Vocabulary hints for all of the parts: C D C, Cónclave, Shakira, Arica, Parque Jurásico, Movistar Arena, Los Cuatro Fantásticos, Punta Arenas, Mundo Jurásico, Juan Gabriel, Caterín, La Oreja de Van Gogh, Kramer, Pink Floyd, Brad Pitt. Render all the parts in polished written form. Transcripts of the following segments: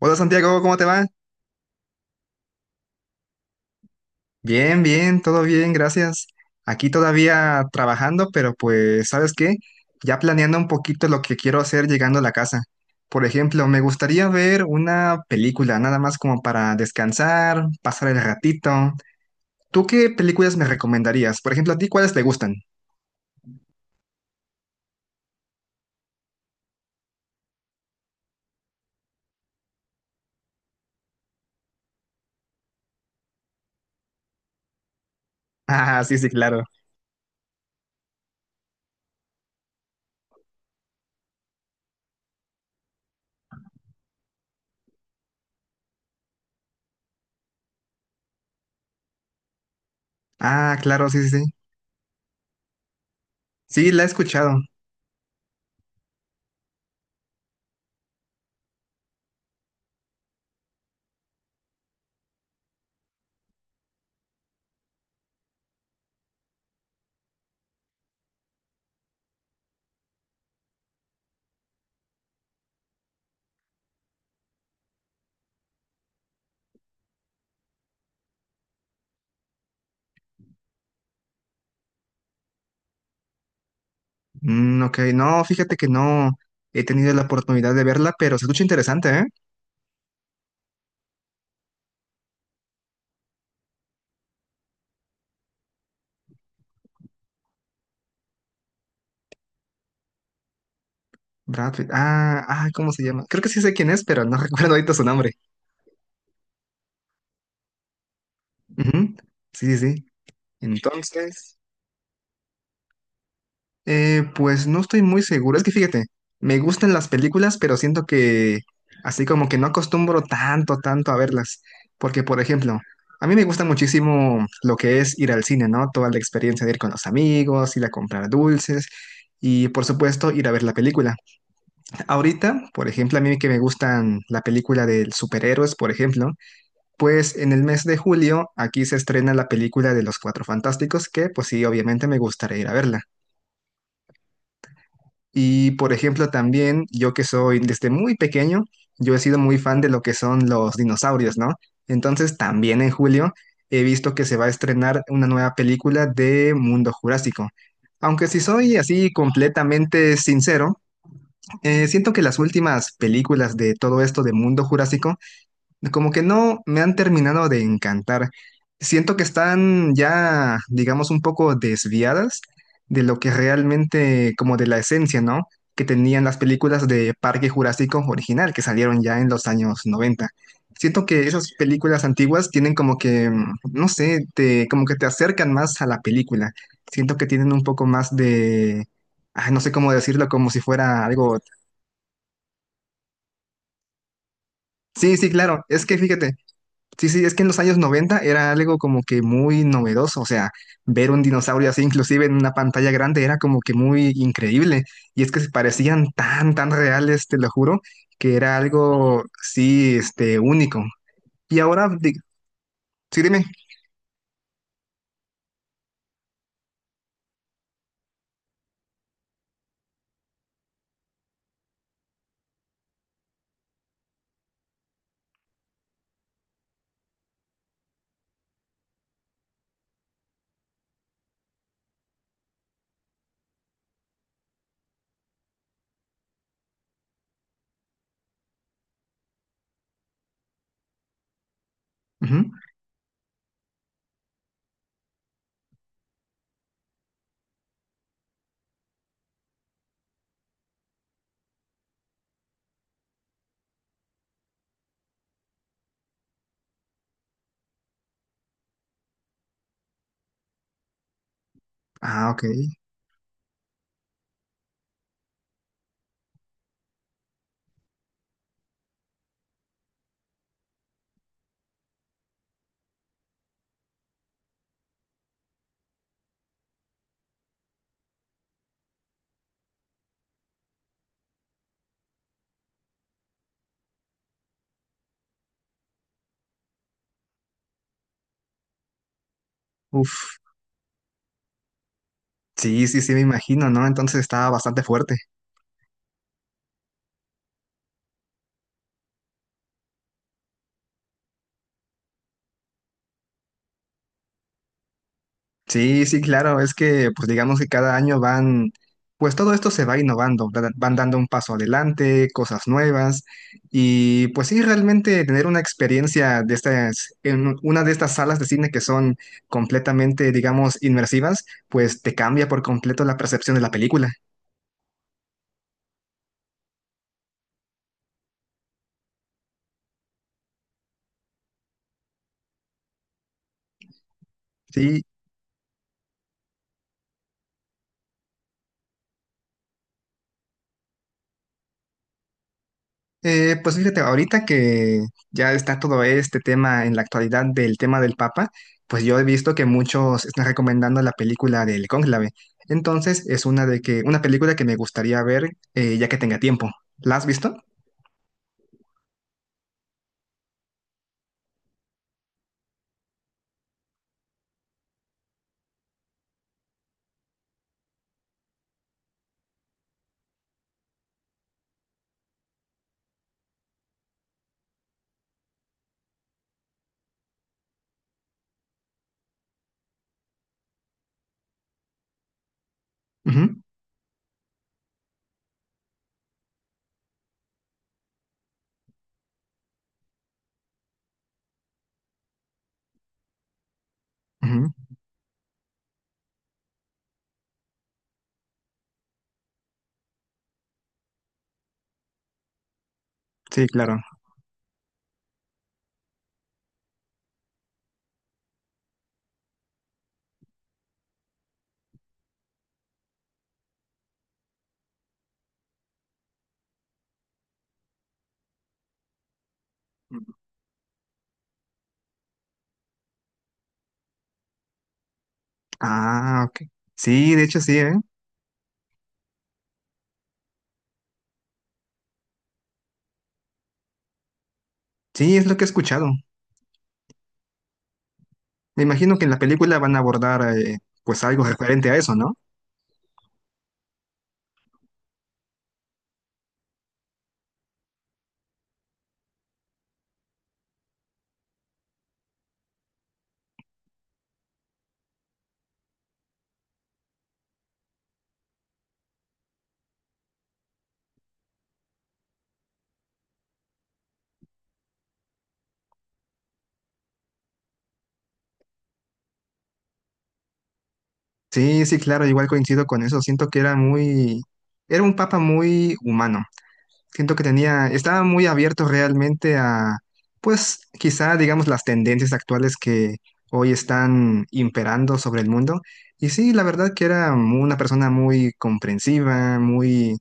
Hola Santiago, ¿cómo te va? Bien, bien, todo bien, gracias. Aquí todavía trabajando, pero pues, ¿sabes qué? Ya planeando un poquito lo que quiero hacer llegando a la casa. Por ejemplo, me gustaría ver una película, nada más como para descansar, pasar el ratito. ¿Tú qué películas me recomendarías? Por ejemplo, ¿a ti cuáles te gustan? Ah, sí, sí, claro. Ah, claro, sí, sí, sí. Sí, la he escuchado. Mm, ok, no, fíjate que no he tenido la oportunidad de verla, pero se escucha interesante, ¿eh? Brad Pitt. Ah, ah, ¿cómo se llama? Creo que sí sé quién es, pero no recuerdo ahorita su nombre. Ujú. Sí, sí, sí. Entonces, pues no estoy muy seguro. Es que fíjate, me gustan las películas, pero siento que así como que no acostumbro tanto, tanto a verlas. Porque, por ejemplo, a mí me gusta muchísimo lo que es ir al cine, ¿no? Toda la experiencia de ir con los amigos, ir a comprar dulces y, por supuesto, ir a ver la película. Ahorita, por ejemplo, a mí que me gustan la película de superhéroes, por ejemplo. Pues en el mes de julio aquí se estrena la película de Los Cuatro Fantásticos, que pues sí, obviamente me gustaría ir a verla. Y por ejemplo también yo que soy desde muy pequeño, yo he sido muy fan de lo que son los dinosaurios, ¿no? Entonces también en julio he visto que se va a estrenar una nueva película de Mundo Jurásico. Aunque si soy así completamente sincero, siento que las últimas películas de todo esto de Mundo Jurásico como que no me han terminado de encantar. Siento que están ya, digamos, un poco desviadas de lo que realmente, como de la esencia, ¿no? Que tenían las películas de Parque Jurásico original, que salieron ya en los años 90. Siento que esas películas antiguas tienen como que, mm, no sé, te, como que te acercan más a la película. Siento que tienen un poco más de, ay, no sé cómo decirlo, como si fuera algo... Sí, sí, claro. Es que fíjate. Sí, sí, es que en los años 90 era algo como que muy novedoso, o sea, ver un dinosaurio así inclusive en una pantalla grande era como que muy increíble, y es que se parecían tan, tan reales, te lo juro, que era algo, sí, este, único. Y ahora, sí, dime. Ujú. Ah, ok. Uf, sí, sí, sí, me imagino, ¿no? Entonces estaba bastante fuerte. Sí, sí, claro, es que pues digamos que cada año van, pues todo esto se va innovando, van dando un paso adelante, cosas nuevas y pues sí, realmente tener una experiencia de estas, en una de estas salas de cine que son completamente, digamos, inmersivas, pues te cambia por completo la percepción de la película. Sí. Pues fíjate, ahorita que ya está todo este tema en la actualidad del tema del Papa, pues yo he visto que muchos están recomendando la película del Cónclave. Entonces es una de que, una película que me gustaría ver ya que tenga tiempo. ¿La has visto? Ujú, ujú. Sí, claro. Ah, ok. Sí, de hecho sí, ¿eh? Sí, es lo que he escuchado. Me imagino que en la película van a abordar pues algo referente a eso, ¿no? Sí, sí, claro, igual coincido con eso. Siento que era muy, era un papa muy humano. Siento que tenía, estaba muy abierto realmente a, pues, quizá, digamos, las tendencias actuales que hoy están imperando sobre el mundo. Y sí, la verdad que era una persona muy comprensiva, muy,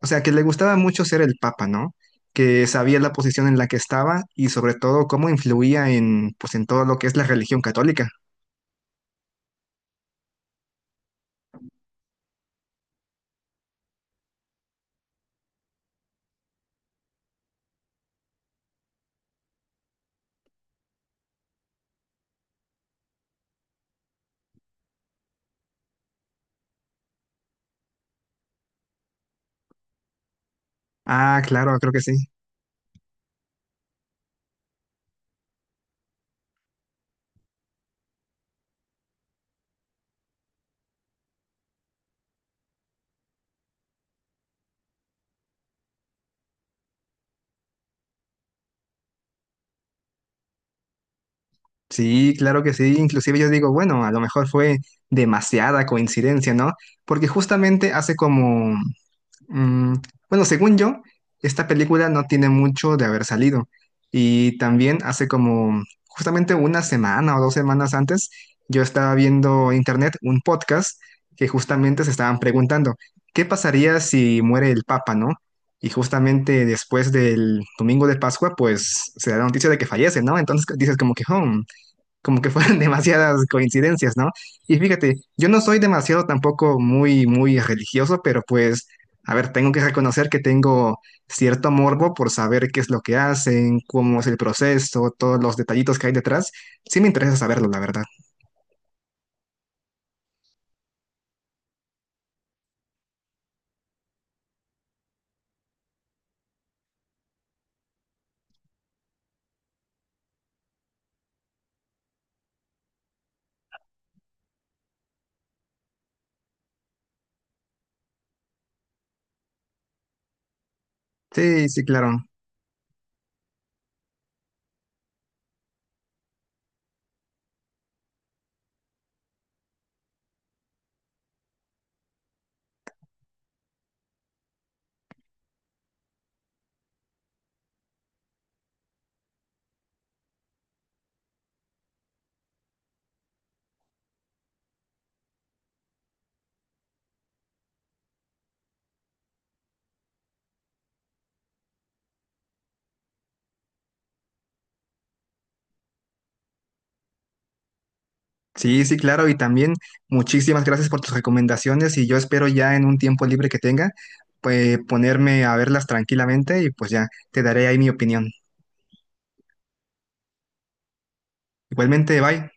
o sea, que le gustaba mucho ser el papa, ¿no? Que sabía la posición en la que estaba y sobre todo cómo influía en, pues, en todo lo que es la religión católica. Ah, claro, creo que sí. Sí, claro que sí. Inclusive yo digo, bueno, a lo mejor fue demasiada coincidencia, ¿no? Porque justamente hace como, mm, bueno, según yo, esta película no tiene mucho de haber salido. Y también hace como justamente una semana o dos semanas antes, yo estaba viendo en internet un podcast que justamente se estaban preguntando, ¿qué pasaría si muere el Papa, ¿no? Y justamente después del domingo de Pascua, pues se da la noticia de que fallece, ¿no? Entonces dices como que, oh, como que fueran demasiadas coincidencias, ¿no? Y fíjate, yo no soy demasiado tampoco muy, muy religioso, pero pues, a ver, tengo que reconocer que tengo cierto morbo por saber qué es lo que hacen, cómo es el proceso, todos los detallitos que hay detrás. Sí me interesa saberlo, la verdad. Sí, sí, claro. Sí, sí, claro. Y también muchísimas gracias por tus recomendaciones y yo espero ya en un tiempo libre que tenga, pues ponerme a verlas tranquilamente y pues ya te daré ahí mi opinión. Igualmente, bye.